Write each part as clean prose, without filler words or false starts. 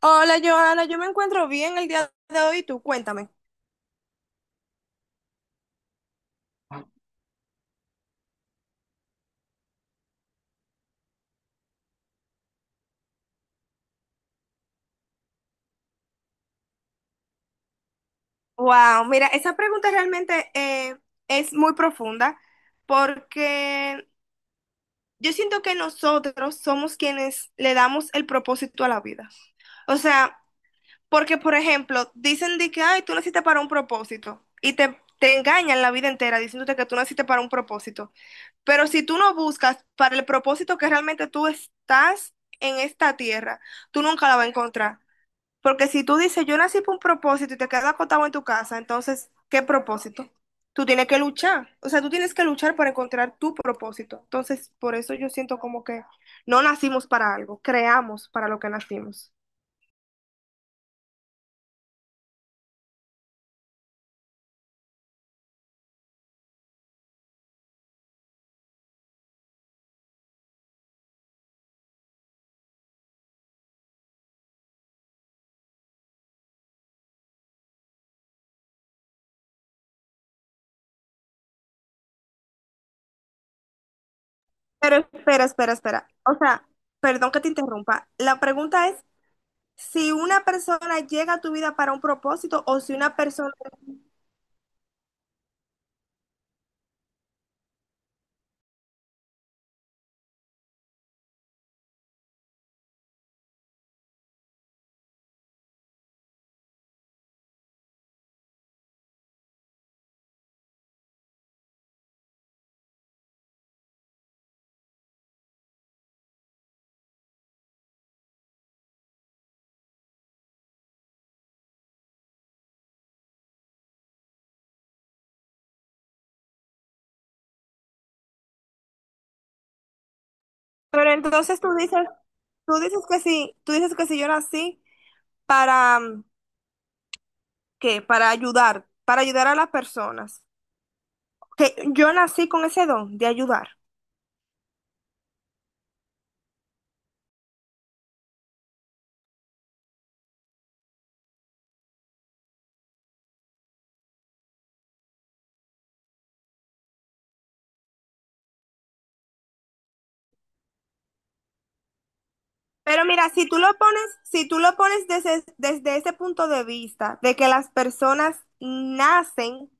Hola, Joana, yo me encuentro bien el día de hoy, tú cuéntame. Wow, mira, esa pregunta realmente es muy profunda porque yo siento que nosotros somos quienes le damos el propósito a la vida. O sea, porque por ejemplo, dicen de que, ay, tú naciste para un propósito y te engañan la vida entera diciéndote que tú naciste para un propósito. Pero si tú no buscas para el propósito que realmente tú estás en esta tierra, tú nunca la vas a encontrar. Porque si tú dices, yo nací por un propósito y te quedas acotado en tu casa, entonces, ¿qué propósito? Tú tienes que luchar. O sea, tú tienes que luchar para encontrar tu propósito. Entonces, por eso yo siento como que no nacimos para algo, creamos para lo que nacimos. Pero espera, espera, espera. O sea, perdón que te interrumpa. La pregunta es si una persona llega a tu vida para un propósito o si una persona... Pero entonces tú dices que sí, tú dices que si yo nací para, que para ayudar a las personas. Que yo nací con ese don de ayudar. Pero mira, si tú lo pones, si tú lo pones desde, desde ese punto de vista, de que las personas nacen,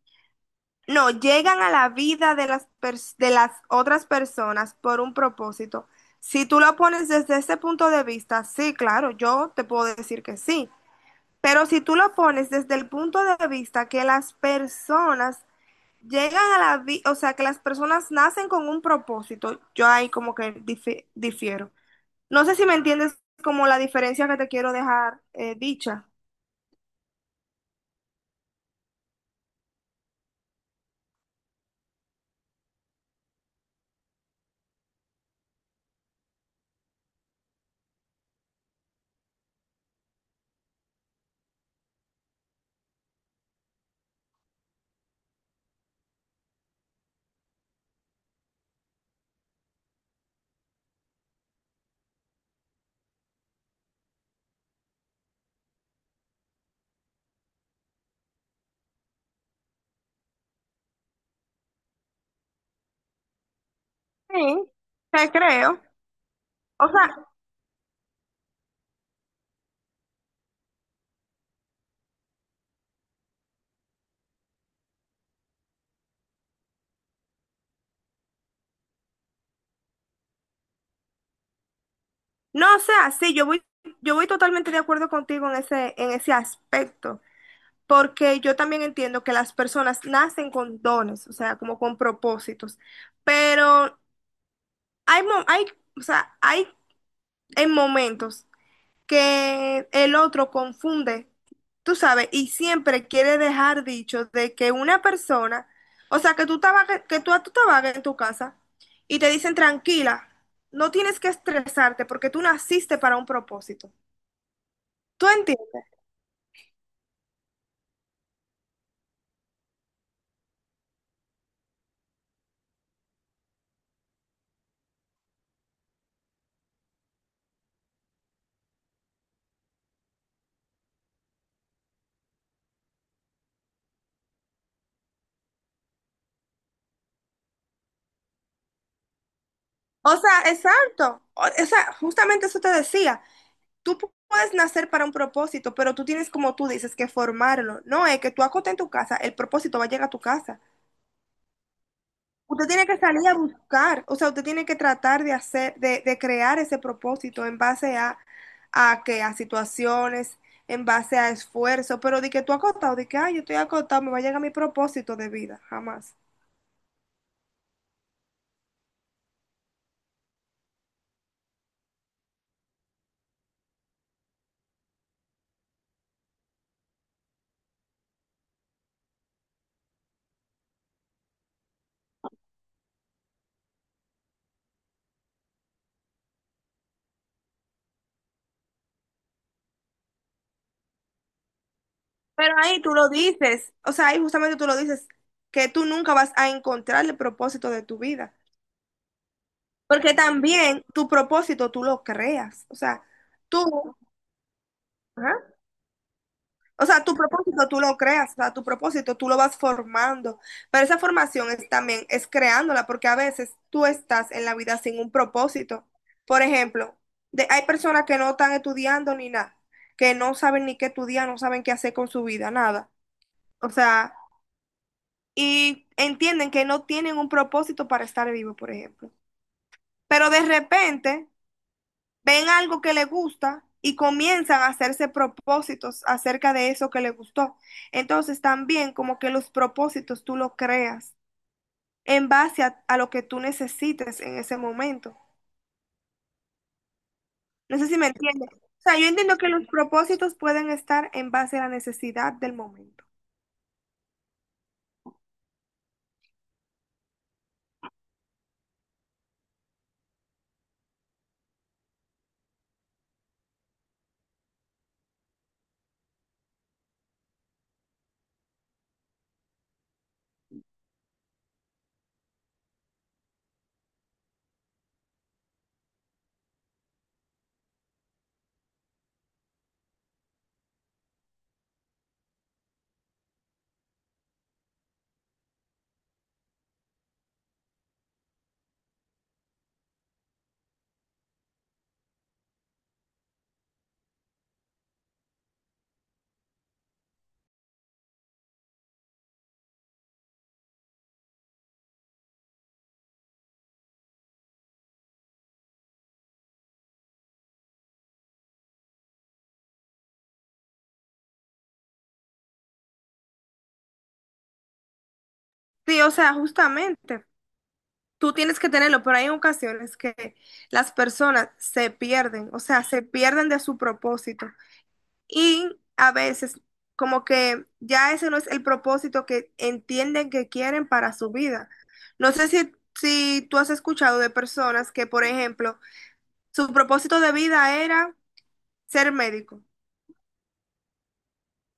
no, llegan a la vida de las, de las otras personas por un propósito. Si tú lo pones desde ese punto de vista, sí, claro, yo te puedo decir que sí. Pero si tú lo pones desde el punto de vista que las personas llegan a la vida, o sea, que las personas nacen con un propósito. Yo ahí como que difiero. No sé si me entiendes como la diferencia que te quiero dejar dicha. Sí, te creo. O sea, no, o sea, sí, yo voy totalmente de acuerdo contigo en en ese aspecto, porque yo también entiendo que las personas nacen con dones, o sea, como con propósitos, pero hay, mo- hay, o sea, hay en momentos. Que el otro confunde, tú sabes, y siempre quiere dejar dicho de que una persona, o sea, que tú que tú te vagas en tu casa y te dicen tranquila, no tienes que estresarte porque tú naciste para un propósito. ¿Tú entiendes? O sea, exacto. O sea, justamente eso te decía. Tú puedes nacer para un propósito, pero tú tienes, como tú dices, que formarlo. No es que tú acotes en tu casa, el propósito va a llegar a tu casa. Usted tiene que salir a buscar, o sea, usted tiene que tratar de hacer, de crear ese propósito en base a qué, a situaciones, en base a esfuerzo, pero de que tú acotado, de que, ay, yo estoy acotado, me va a llegar mi propósito de vida, jamás. Pero ahí tú lo dices, o sea, ahí justamente tú lo dices, que tú nunca vas a encontrar el propósito de tu vida, porque también tu propósito tú lo creas, o sea, tú, ajá. O sea, tu propósito tú lo creas, o sea, tu propósito tú lo vas formando, pero esa formación es también, es creándola, porque a veces tú estás en la vida sin un propósito. Por ejemplo, hay personas que no están estudiando ni nada, que no saben ni qué estudiar, no saben qué hacer con su vida, nada. O sea, y entienden que no tienen un propósito para estar vivo, por ejemplo. Pero de repente ven algo que le gusta y comienzan a hacerse propósitos acerca de eso que le gustó. Entonces también como que los propósitos tú los creas en base a lo que tú necesites en ese momento. No sé si me entiendes. O sea, yo entiendo que los propósitos pueden estar en base a la necesidad del momento. Sí, o sea, justamente. Tú tienes que tenerlo, pero hay ocasiones que las personas se pierden, o sea, se pierden de su propósito. Y a veces como que ya ese no es el propósito que entienden que quieren para su vida. No sé si, si tú has escuchado de personas que, por ejemplo, su propósito de vida era ser médico.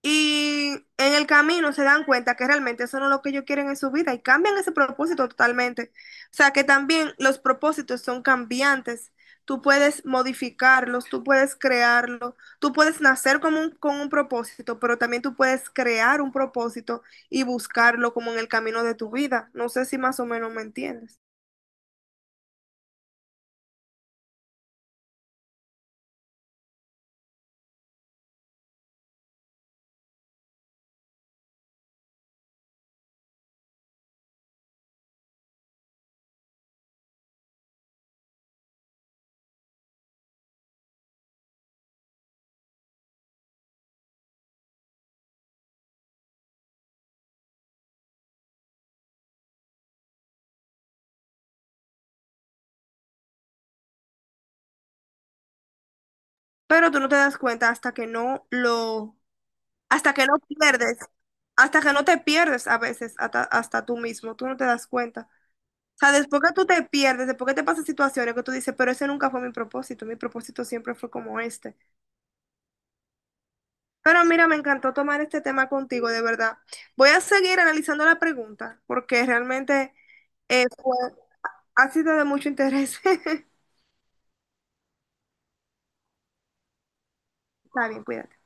Y en el camino se dan cuenta que realmente eso no es lo que ellos quieren en su vida y cambian ese propósito totalmente. O sea que también los propósitos son cambiantes. Tú puedes modificarlos, tú puedes crearlos, tú puedes nacer con un propósito, pero también tú puedes crear un propósito y buscarlo como en el camino de tu vida. No sé si más o menos me entiendes. Pero tú no te das cuenta hasta que no lo, hasta que no pierdes, hasta que no te pierdes a veces hasta, hasta tú mismo, tú no te das cuenta. Sea, después que tú te pierdes, después que te pasan situaciones que tú dices, pero ese nunca fue mi propósito siempre fue como este. Pero mira, me encantó tomar este tema contigo, de verdad. Voy a seguir analizando la pregunta porque realmente eh, fue- ha sido de mucho interés. Está bien, cuídate.